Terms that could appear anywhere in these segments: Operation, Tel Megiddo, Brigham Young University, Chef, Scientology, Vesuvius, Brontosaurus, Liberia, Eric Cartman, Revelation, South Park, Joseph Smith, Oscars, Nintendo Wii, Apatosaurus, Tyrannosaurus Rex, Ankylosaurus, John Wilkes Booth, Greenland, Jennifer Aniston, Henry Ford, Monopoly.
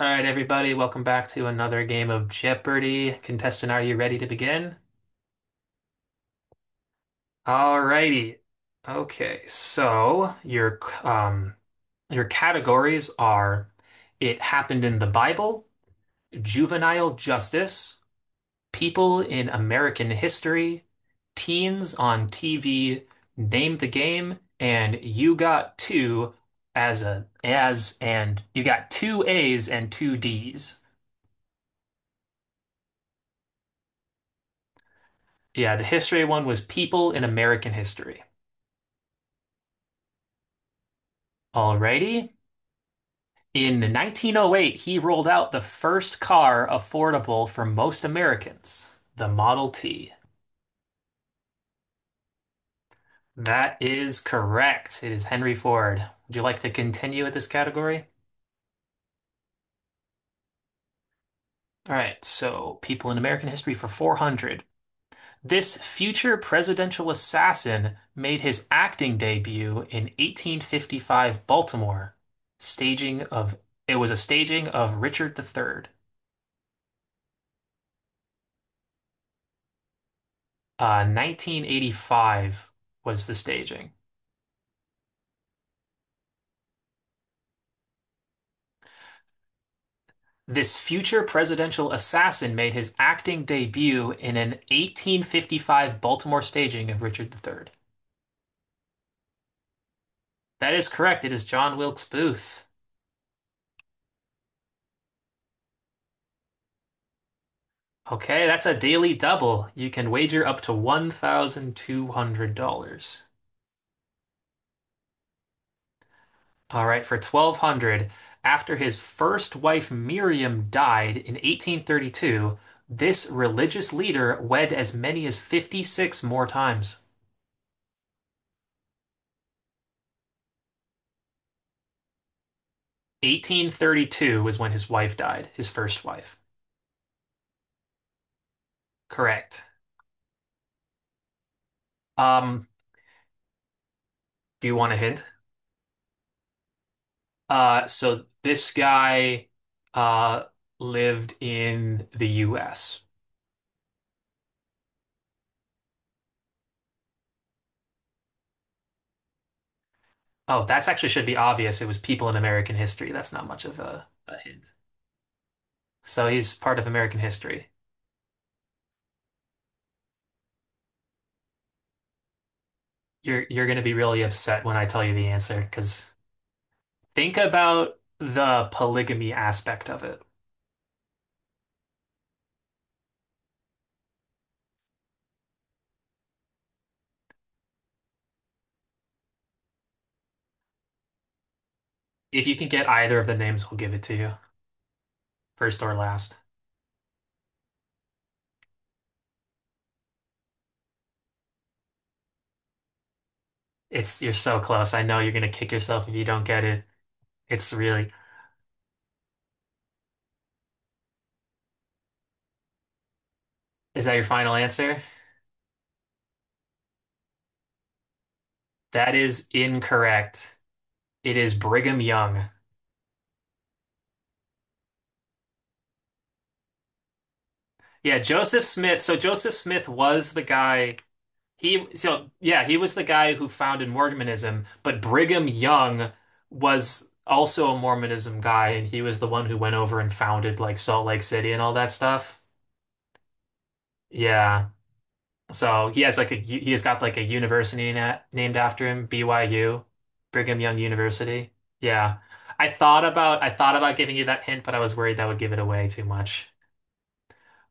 All right, everybody, welcome back to another game of Jeopardy! Contestant, are you ready to begin? All righty. Okay, so um your categories are It Happened in the Bible, Juvenile Justice, People in American History, Teens on TV, Name the Game, and you got two A's and two D's. Yeah, the history one was People in American History. Alrighty. In 1908, he rolled out the first car affordable for most Americans, the Model T. That is correct. It is Henry Ford. Would you like to continue with this category? All right, so People in American History for 400. This future presidential assassin made his acting debut in 1855 Baltimore, staging of it was a staging of Richard the Third. 1985 was the staging. This future presidential assassin made his acting debut in an 1855 Baltimore staging of Richard the Third. That is correct. It is John Wilkes Booth. Okay, that's a daily double. You can wager up to $1,200. All right, for 1200, after his first wife Miriam died in 1832, this religious leader wed as many as 56 more times. 1832 was when his wife died, his first wife. Correct. Um, do you want a hint? So this guy uh lived in the US. Oh, that's actually should be obvious. It was people in American history. That's not much of a hint. So he's part of American history. You're gonna be really upset when I tell you the answer, because think about the polygamy aspect of it. If you can get either of the names, we will give it to you, first or last. It's you're so close. I know you're gonna kick yourself if you don't get it. It's really, is that your final answer? That is incorrect. It is Brigham Young. Yeah, Joseph Smith. So Joseph Smith was the guy, he so yeah, he was the guy who founded Mormonism, but Brigham Young was also a Mormonism guy, and he was the one who went over and founded like Salt Lake City and all that stuff. Yeah. So he has like a he has got like a university na named after him, BYU, Brigham Young University. Yeah. I thought about giving you that hint, but I was worried that would give it away too much.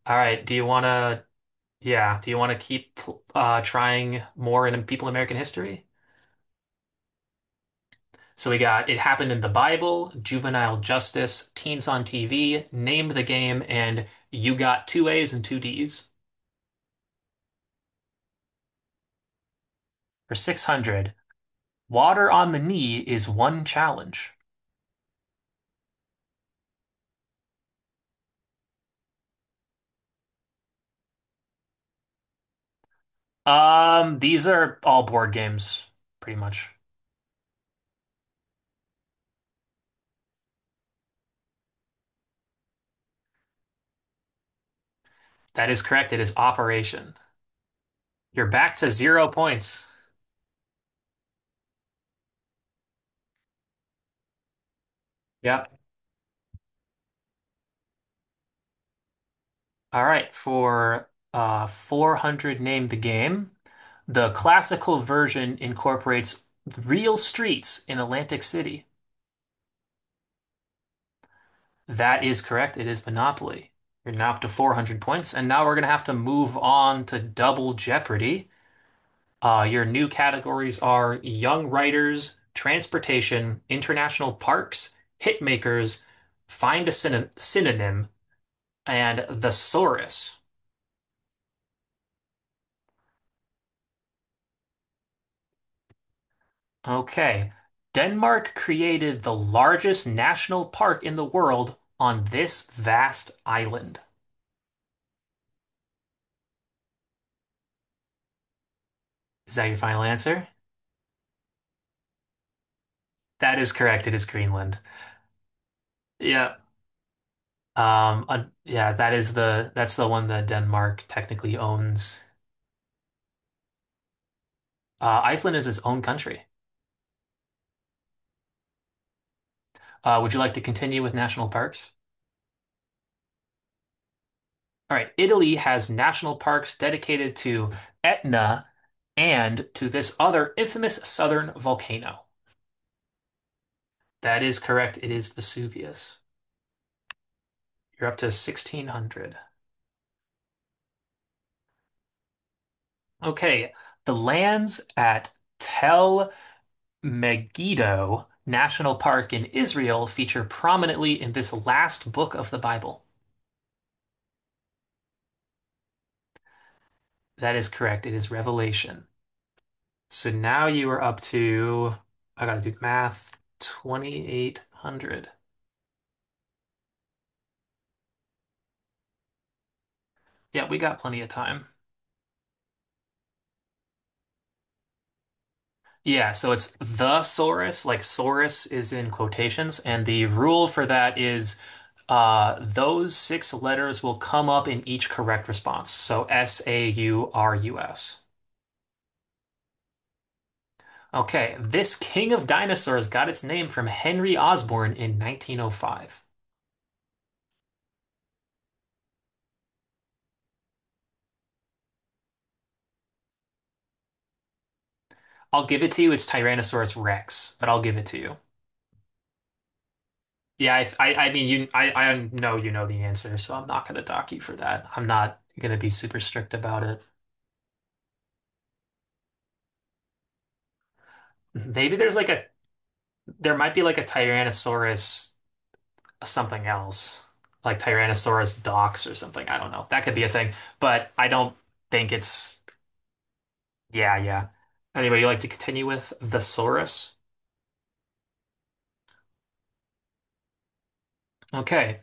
All right, do you want to yeah, do you want to keep trying more in people in American history? So we got It Happened in the Bible, Juvenile Justice, Teens on TV, Name the Game, and You Got Two A's and Two D's. For 600, Water on the Knee is one challenge. These are all board games, pretty much. That is correct. It is Operation. You're back to zero points. Yep. All right. For 400 Name the Game, the classical version incorporates real streets in Atlantic City. That is correct. It is Monopoly. You're now up to 400 points. And now we're going to have to move on to Double Jeopardy. Your new categories are young writers, transportation, international parks, hit makers, find a synonym, and thesaurus. Okay. Denmark created the largest national park in the world on this vast island. Is that your final answer? That is correct. It is Greenland. Yeah. Yeah, that is the that's the one that Denmark technically owns. Iceland is its own country. Would you like to continue with national parks? All right, Italy has national parks dedicated to Etna and to this other infamous southern volcano. That is correct. It is Vesuvius. You're up to 1600. Okay, the lands at Tel Megiddo National Park in Israel feature prominently in this last book of the Bible. That is correct. It is Revelation. So now you are up to, I gotta do math, 2,800. Yeah, we got plenty of time. Yeah, so it's the Saurus, like Saurus is in quotations, and the rule for that is those six letters will come up in each correct response. So SAURUS. Okay, this king of dinosaurs got its name from Henry Osborn in 1905. I'll give it to you, it's Tyrannosaurus Rex, but I'll give it to you. Yeah, I mean, I know you know the answer, so I'm not gonna dock you for that. I'm not gonna be super strict about it. Maybe there's like a, There might be like a Tyrannosaurus something else, like Tyrannosaurus dox or something. I don't know. That could be a thing, but I don't think it's. Yeah, yeah. Anyway, you like to continue with the Saurus? Okay,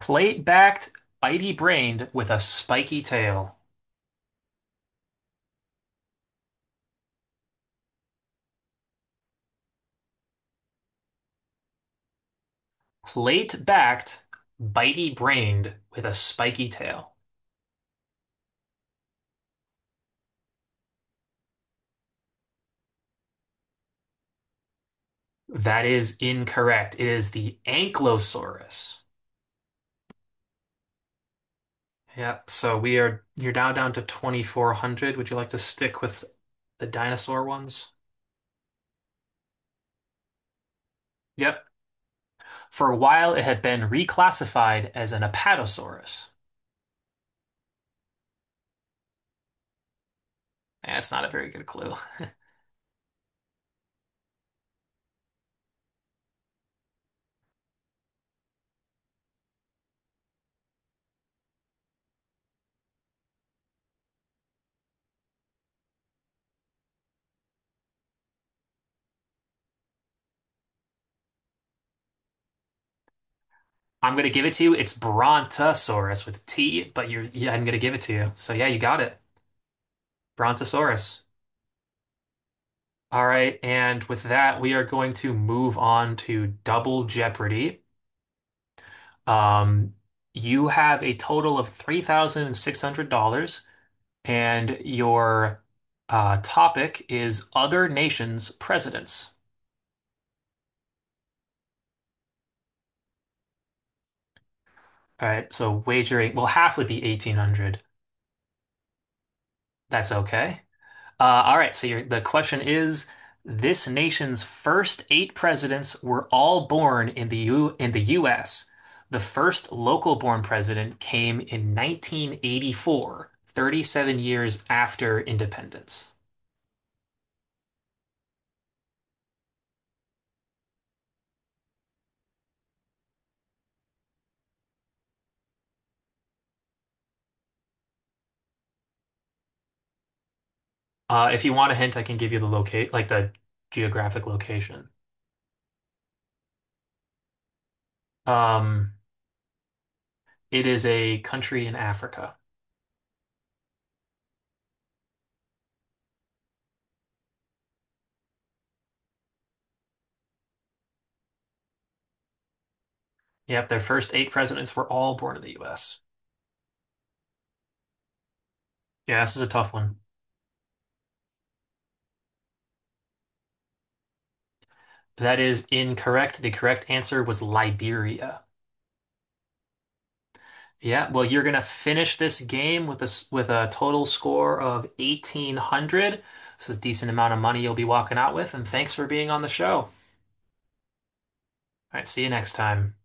plate-backed, bitey-brained with a spiky tail. Plate-backed, bitey-brained with a spiky tail. That is incorrect. It is the Ankylosaurus. Yep. So we are You're now down to 2400. Would you like to stick with the dinosaur ones? Yep. For a while, it had been reclassified as an Apatosaurus. Eh, that's not a very good clue. I'm gonna give it to you. It's Brontosaurus with a T, but you're yeah, I'm gonna give it to you. So yeah, you got it. Brontosaurus. All right, and with that, we are going to move on to Double Jeopardy. Um, you have a total of $3,600, and your topic is other nations' presidents. All right, so wagering, well, half would be 1800. That's okay. All right, so the question is, this nation's first eight presidents were all born in the in the US. The first local-born president came in 1984, 37 years after independence. If you want a hint, I can give you like the geographic location. Um, it is a country in Africa. Yep, their first eight presidents were all born in the U.S. Yeah, this is a tough one. That is incorrect. The correct answer was Liberia. Yeah, well, you're gonna finish this game with a with a total score of 1800. It's a decent amount of money you'll be walking out with, and thanks for being on the show. All right, see you next time.